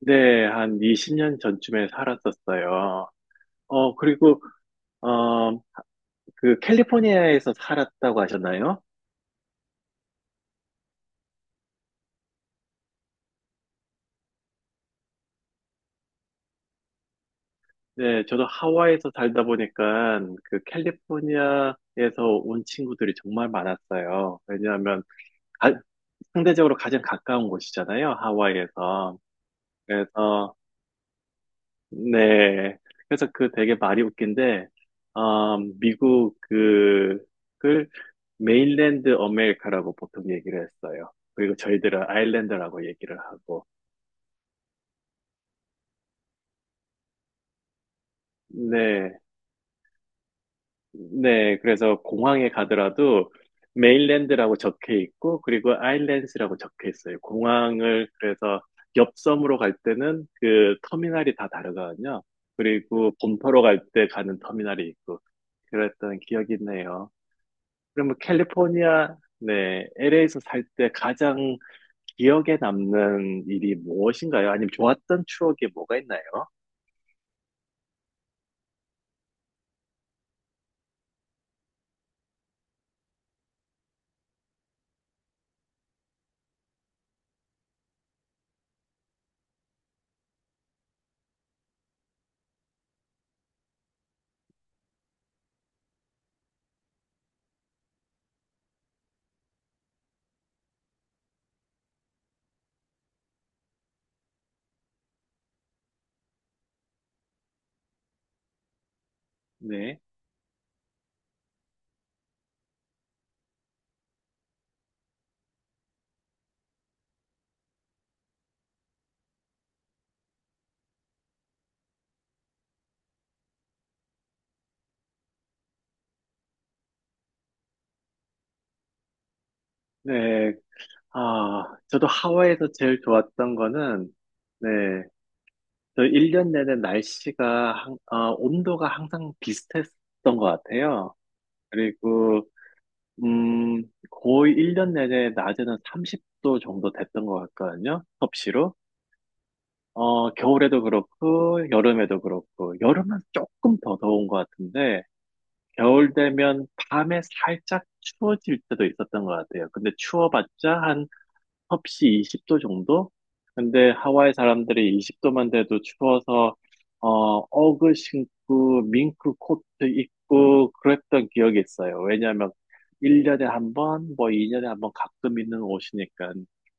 네, 한 20년 전쯤에 살았었어요. 어, 그리고, 어, 그 캘리포니아에서 살았다고 하셨나요? 네, 저도 하와이에서 살다 보니까 그 캘리포니아에서 온 친구들이 정말 많았어요. 왜냐하면 가- 상대적으로 가장 가까운 곳이잖아요, 하와이에서. 그래서 네. 그래서 그 되게 말이 웃긴데, 아, 미국 그, 을 메인랜드 어메리카라고 보통 얘기를 했어요. 그리고 저희들은 아일랜드라고 얘기를 하고. 네. 네. 그래서 공항에 가더라도 메인랜드라고 적혀 있고, 그리고 아일랜드라고 적혀 있어요. 공항을, 그래서 옆섬으로 갈 때는 그 터미널이 다 다르거든요. 그리고 본토로 갈 때 가는 터미널이 있고, 그랬던 기억이 있네요. 그러면 캘리포니아, 네, LA에서 살 때 가장 기억에 남는 일이 무엇인가요? 아니면 좋았던 추억이 뭐가 있나요? 네, 네, 아, 저도 하와이에서 제일 좋았던 거는, 네, 저 1년 내내 날씨가, 온도가 항상 비슷했던 것 같아요. 그리고, 음, 거의 1년 내내 낮에는 30도 정도 됐던 것 같거든요. 섭씨로. 어, 겨울에도 그렇고, 여름에도 그렇고, 여름은 조금 더 더운 것 같은데, 겨울 되면 밤에 살짝 추워질 때도 있었던 것 같아요. 근데 추워봤자 한 섭씨 20도 정도? 근데 하와이 사람들이 20도만 돼도 추워서 어, 어그 신고 밍크 코트 입고 그랬던 기억이 있어요. 왜냐하면 1년에 한 번, 뭐 2년에 한번 가끔 입는 옷이니까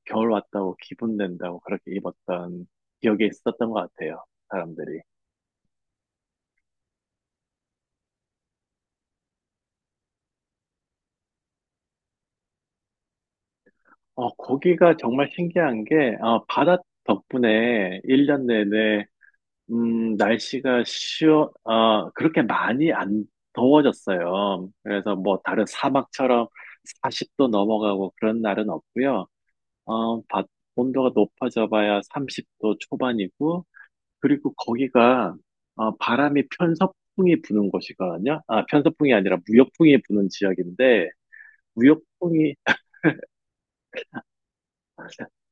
겨울 왔다고 기분 낸다고 그렇게 입었던 기억이 있었던 것 같아요. 사람들이. 어, 거기가 정말 신기한 게 바다 덕분에 1년 내내 음, 날씨가 시원, 어, 그렇게 많이 안 더워졌어요. 그래서 뭐 다른 사막처럼 40도 넘어가고 그런 날은 없고요. 어, 바- 온도가 높아져 봐야 30도 초반이고, 그리고 거기가 바람이 편서풍이 부는 곳이거든요. 아, 편서풍이 아니라 무역풍이 부는 지역인데, 무역풍이,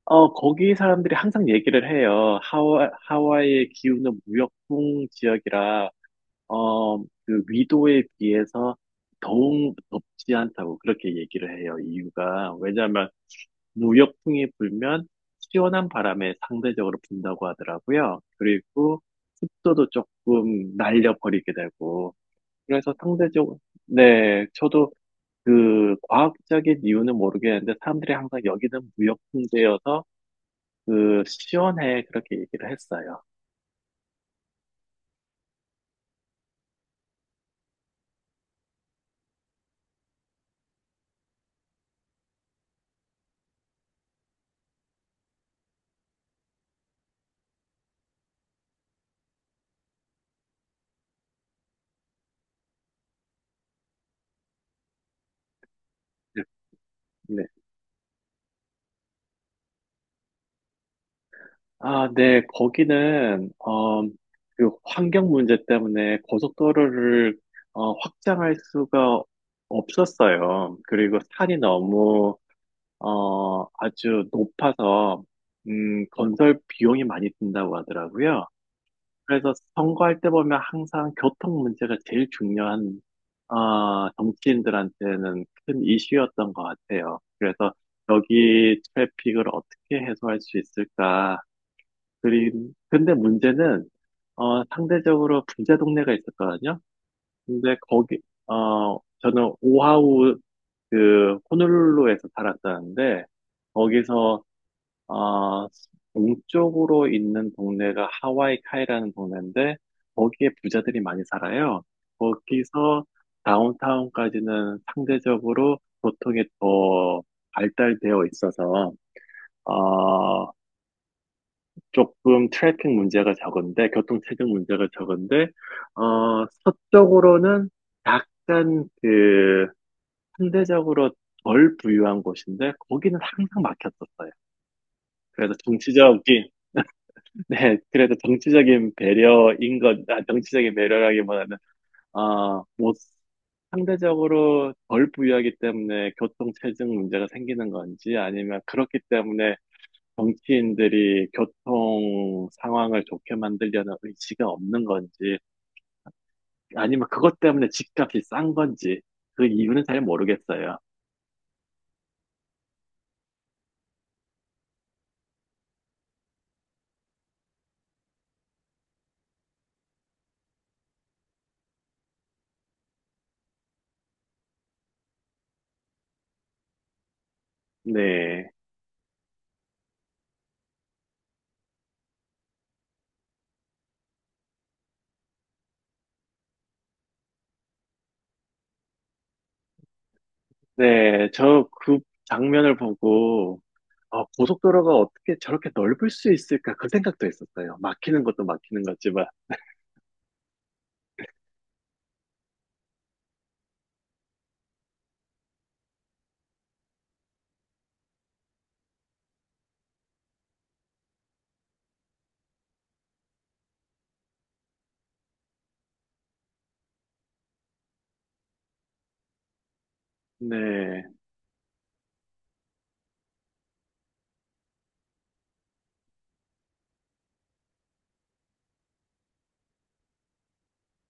어, 거기 사람들이 항상 얘기를 해요. 하와이의 기후는 무역풍 지역이라 그 위도에 비해서 더욱 덥지 않다고 그렇게 얘기를 해요. 이유가 왜냐하면 무역풍이 불면 시원한 바람에 상대적으로 분다고 하더라고요. 그리고 습도도 조금 날려버리게 되고 그래서 상대적으로 네, 저도 그 과학적인 이유는 모르겠는데 사람들이 항상 여기는 무역풍제여서 그 시원해 그렇게 얘기를 했어요. 네, 아, 네, 거기는, 그 환경 문제 때문에 고속도로를, 확장할 수가 없었어요. 그리고 산이 너무, 아주 높아서, 건설 비용이 많이 든다고 하더라고요. 그래서 선거할 때 보면 항상 교통 문제가 제일 중요한, 아, 정치인들한테는 큰 이슈였던 것 같아요. 그래서 여기 트래픽을 어떻게 해소할 수 있을까, 그림. 근데 문제는, 상대적으로 부자 동네가 있었거든요. 근데 거기, 저는 오하우, 그, 호놀룰루에서 살았었는데, 거기서, 어, 동쪽으로 있는 동네가 하와이 카이라는 동네인데, 거기에 부자들이 많이 살아요. 거기서 다운타운까지는 상대적으로 교통이 더 발달되어 있어서, 어, 조금 트래픽 문제가 적은데, 교통체증 문제가 적은데, 서쪽으로는 약간 그, 상대적으로 덜 부유한 곳인데, 거기는 항상 막혔었어요. 그래서 정치적인, 네, 그래서 정치적인 배려인 것, 아, 정치적인 배려라기보다는, 어, 못, 상대적으로 덜 부유하기 때문에 교통체증 문제가 생기는 건지, 아니면 그렇기 때문에 정치인들이 교통 상황을 좋게 만들려는 의지가 없는 건지, 아니면 그것 때문에 집값이 싼 건지, 그 이유는 잘 모르겠어요. 네. 네. 저 그 장면을 보고, 어, 고속도로가 어떻게 저렇게 넓을 수 있을까? 그 생각도 했었어요. 막히는 것도 막히는 거지만. 네.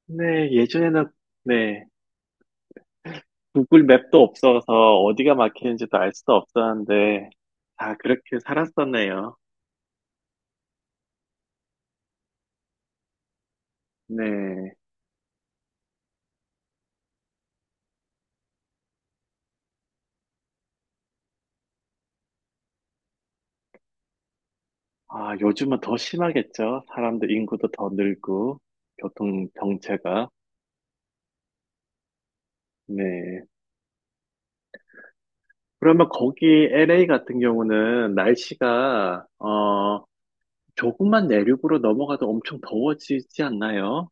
네. 예전에는, 네. 구글 맵도 없어서 어디가 막히는지도 알 수도 없었는데, 다 그렇게 살았었네요. 네. 아, 요즘은 더 심하겠죠. 사람들 인구도 더 늘고, 교통 정체가. 네. 그러면 거기 LA 같은 경우는 날씨가, 조금만 내륙으로 넘어가도 엄청 더워지지 않나요?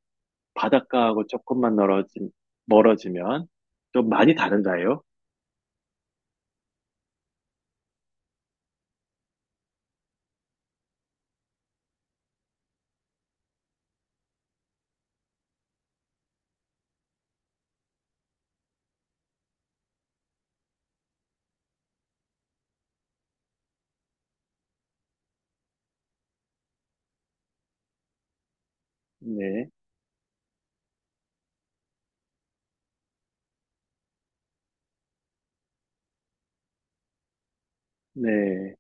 바닷가하고 조금만 멀어지, 멀어지면 좀 많이 다른가요? 네. 네.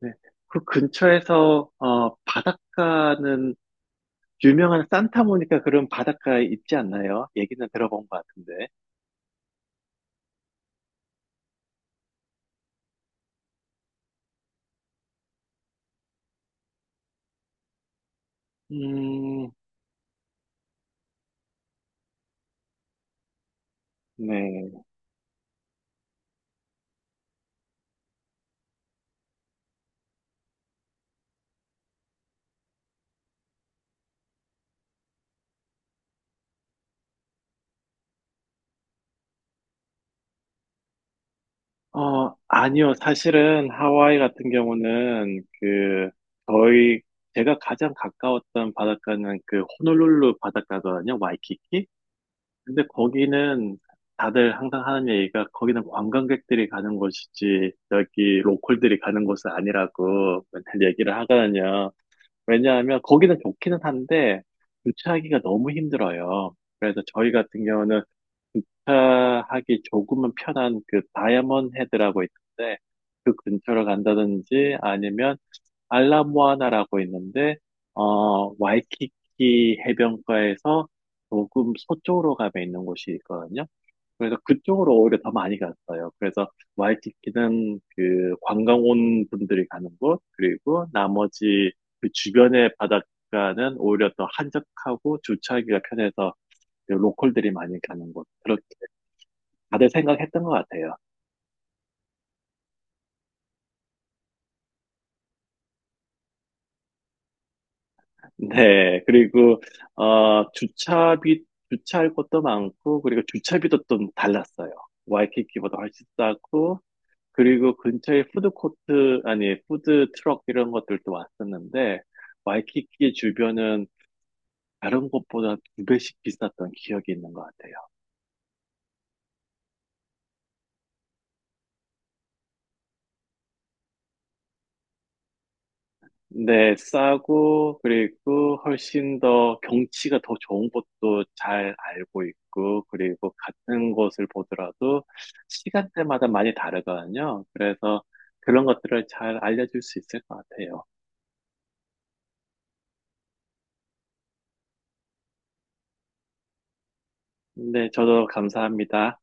네. 그 근처에서, 바닷가는 유명한 산타모니카 그런 바닷가에 있지 않나요? 얘기는 들어본 것 같은데. 음, 네. 어, 아니요. 사실은 하와이 같은 경우는 그 저희 제가 가장 가까웠던 바닷가는 그 호놀룰루 바닷가거든요. 와이키키. 근데 거기는 다들 항상 하는 얘기가 거기는 관광객들이 가는 곳이지 여기 로컬들이 가는 곳은 아니라고 맨날 얘기를 하거든요. 왜냐하면 거기는 좋기는 한데 주차하기가 너무 힘들어요. 그래서 저희 같은 경우는 주차 하기 조금은 편한 그 다이아몬드 헤드라고 있는데 그 근처로 간다든지 아니면 알라모아나라고 있는데 어 와이키키 해변가에서 조금 서쪽으로 가면 있는 곳이 있거든요. 그래서 그쪽으로 오히려 더 많이 갔어요. 그래서 와이키키는 그 관광 온 분들이 가는 곳, 그리고 나머지 그 주변의 바닷가는 오히려 더 한적하고 주차하기가 편해서 그 로컬들이 많이 가는 곳. 다들 생각했던 것 같아요. 네, 그리고 어, 주차비 주차할 것도 많고 그리고 주차비도 좀 달랐어요. 와이키키보다 훨씬 싸고 그리고 근처에 푸드코트 아니 푸드 트럭 이런 것들도 왔었는데 와이키키 주변은 다른 곳보다 2배씩 비쌌던 기억이 있는 것 같아요. 네, 싸고, 그리고 훨씬 더 경치가 더 좋은 곳도 잘 알고 있고, 그리고 같은 곳을 보더라도 시간대마다 많이 다르거든요. 그래서 그런 것들을 잘 알려줄 수 있을 것 같아요. 네, 저도 감사합니다.